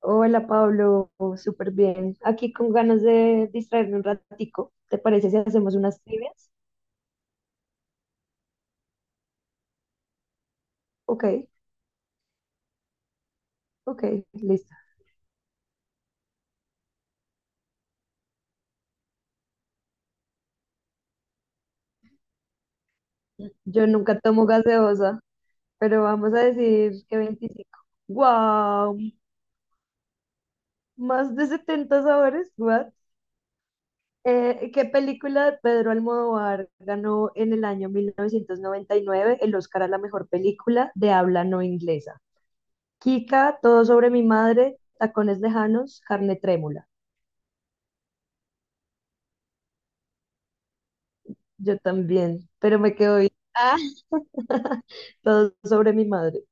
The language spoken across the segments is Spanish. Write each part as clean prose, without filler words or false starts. Hola Pablo, súper bien. Aquí con ganas de distraerme un ratico. ¿Te parece si hacemos unas trivias? Ok, ok, listo. Yo nunca tomo gaseosa, pero vamos a decir que 25. ¡Wow! Más de 70 sabores, ¿what? ¿Qué película de Pedro Almodóvar ganó en el año 1999 el Oscar a la mejor película de habla no inglesa? Kika, Todo sobre mi madre, Tacones lejanos, Carne trémula. Yo también, pero me quedo bien. Ah, todo sobre mi madre.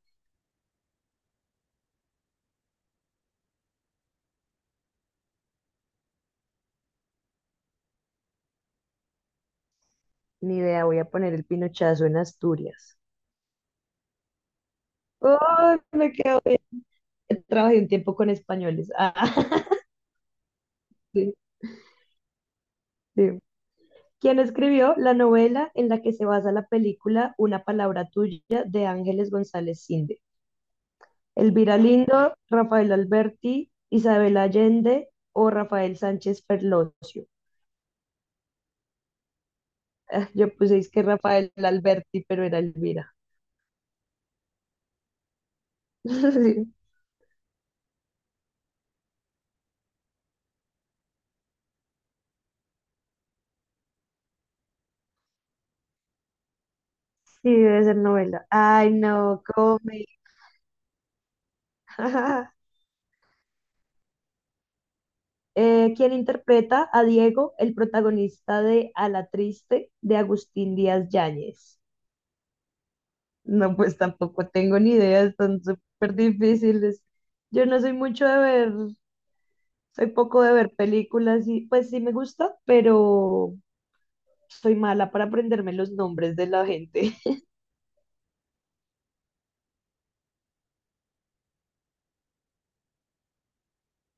Ni idea, voy a poner el pinochazo en Asturias. ¡Ay, me quedo bien! Trabajé un tiempo con españoles. Ah, sí, sí. ¿Quién escribió la novela en la que se basa la película Una palabra tuya de Ángeles González Cinde? ¿Elvira Lindo, Rafael Alberti, Isabel Allende o Rafael Sánchez Ferlosio? Ah, yo puse es que Rafael Alberti, pero era Elvira. Sí, debe ser novela. Ay, no, come. ¿Quién interpreta a Diego, el protagonista de A la Triste de Agustín Díaz Yáñez? No, pues tampoco tengo ni idea, están súper difíciles. Yo no soy mucho de ver, soy poco de ver películas y pues sí me gusta, pero soy mala para aprenderme los nombres de la gente.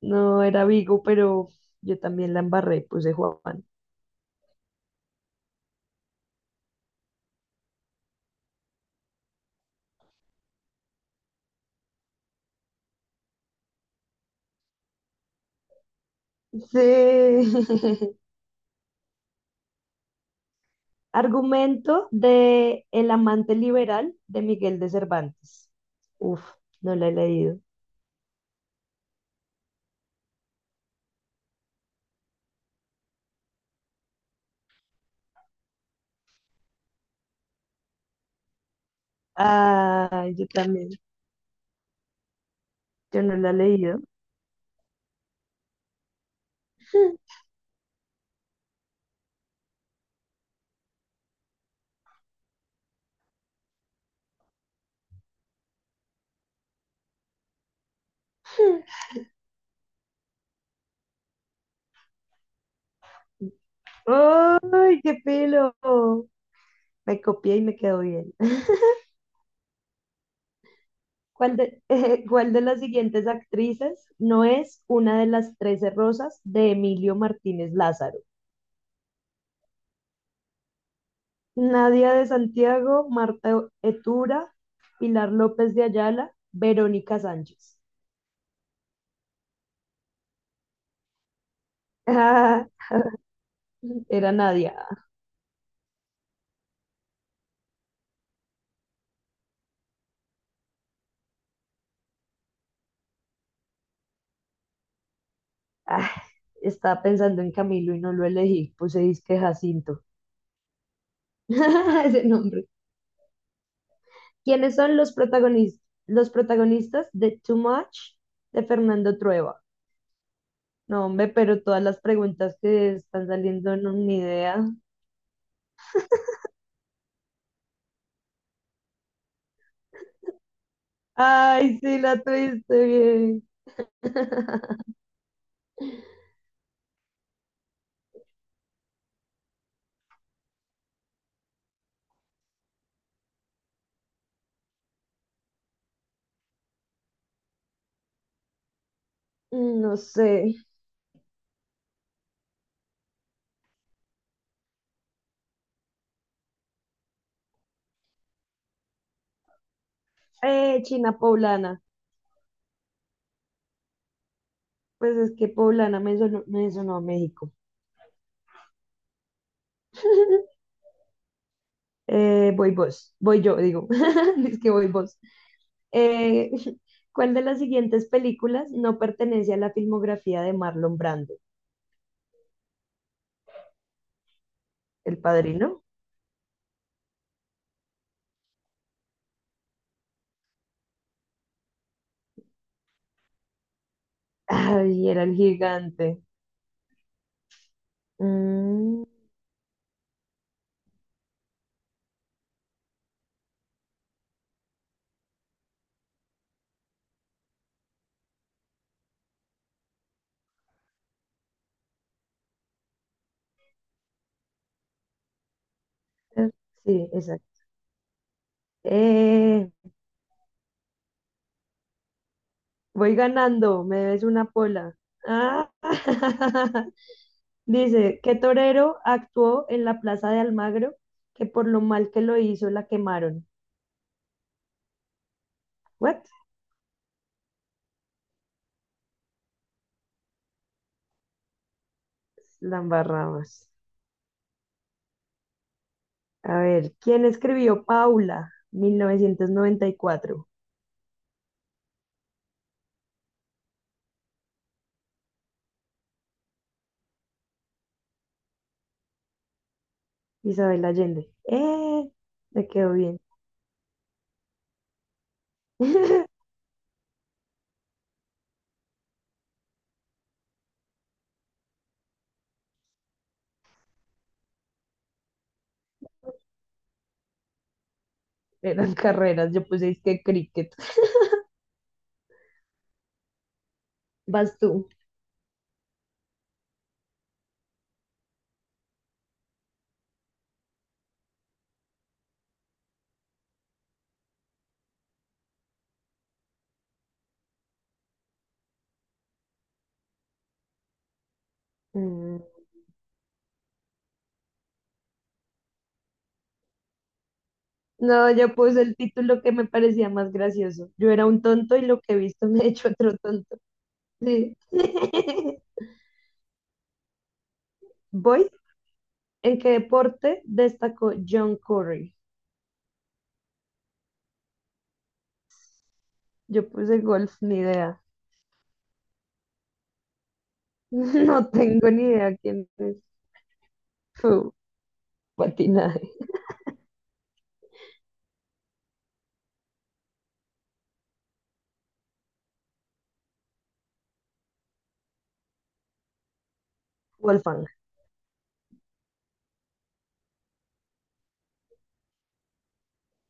No era Vigo, pero yo también la embarré, puse Juan. Sí. Argumento de El amante liberal de Miguel de Cervantes. Uf, no la he leído. Ah, yo también. Yo no la he leído. ¡Ay, qué pelo! Me copié y me quedó bien. ¿Cuál de, Cuál de las siguientes actrices no es una de las trece rosas de Emilio Martínez Lázaro? Nadia de Santiago, Marta Etura, Pilar López de Ayala, Verónica Sánchez. Era Nadia. Ah, estaba pensando en Camilo y no lo elegí. Puse disque Jacinto. Ese nombre. ¿Quiénes son los protagonistas de Too Much de Fernando Trueba? No, hombre, pero todas las preguntas que están saliendo no ni idea. Ay, sí, la tuviste bien. No sé. China Poblana. Pues es que Poblana me sonó a México. Voy vos. Voy yo, digo. Es que voy vos. Eh, ¿Cuál de las siguientes películas no pertenece a la filmografía de Marlon Brando? ¿El Padrino? Ay, era el gigante. Mm, eh, sí, exacto. Eh, Voy ganando, me debes una pola. Ah, dice, ¿qué torero actuó en la plaza de Almagro que por lo mal que lo hizo la quemaron? ¿What? La embarramos. A ver, ¿quién escribió Paula? 1994. Isabel Allende. ¡Eh! Me quedó bien. Eran carreras, yo puse es que cricket. Vas tú. Mm, No, yo puse el título que me parecía más gracioso. Yo era un tonto y lo que he visto me ha hecho otro tonto. Sí. Voy. ¿En qué deporte destacó John Curry? Yo puse golf, ni idea. No tengo ni idea quién es. Fu, patinaje. Wolfgang.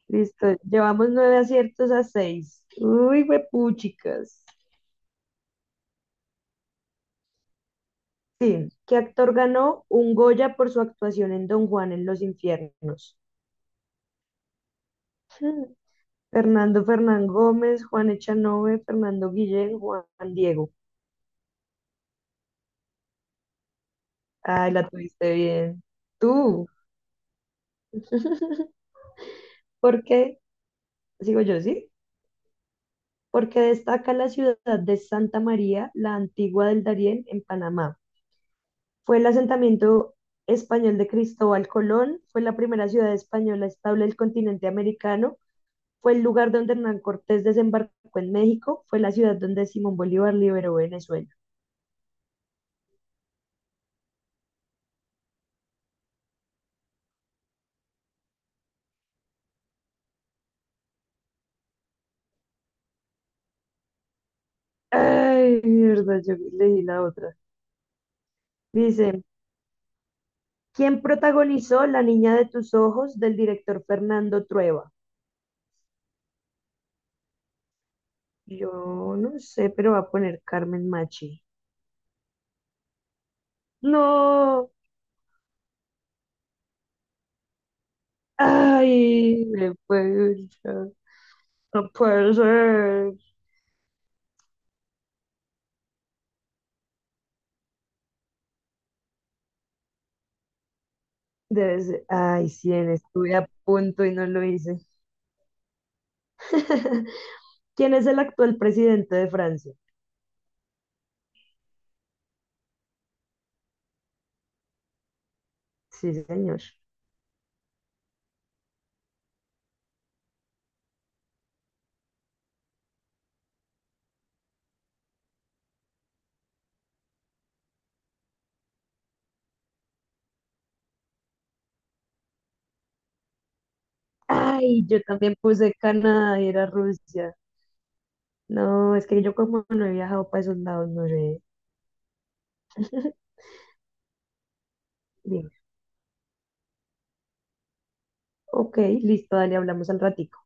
Listo. Llevamos nueve aciertos a seis. Uy, chicas. Sí, ¿qué actor ganó un Goya por su actuación en Don Juan en Los Infiernos? Hmm. Fernando Fernán Gómez, Juan Echanove, Fernando Guillén, Juan Diego. Ay, la tuviste bien. Tú. ¿Por qué? Sigo yo, ¿sí? Porque destaca la ciudad de Santa María, la antigua del Darién, en Panamá. Fue el asentamiento español de Cristóbal Colón, fue la primera ciudad española estable del continente americano. Fue el lugar donde Hernán Cortés desembarcó en México, fue la ciudad donde Simón Bolívar liberó Venezuela. Ay, mierda, yo leí la otra. Dice, ¿quién protagonizó La niña de tus ojos del director Fernando Trueba? Yo no sé, pero va a poner Carmen Machi. No, ay, me puede no puede ser. Debe ser. Ay, sí, estuve a punto y no lo hice. ¿Quién es el actual presidente de Francia? Sí, sí, señor. Ay, yo también puse Canadá y era Rusia. No, es que yo como no he viajado para esos lados, no sé. Bien. Ok, listo, dale, hablamos al ratito.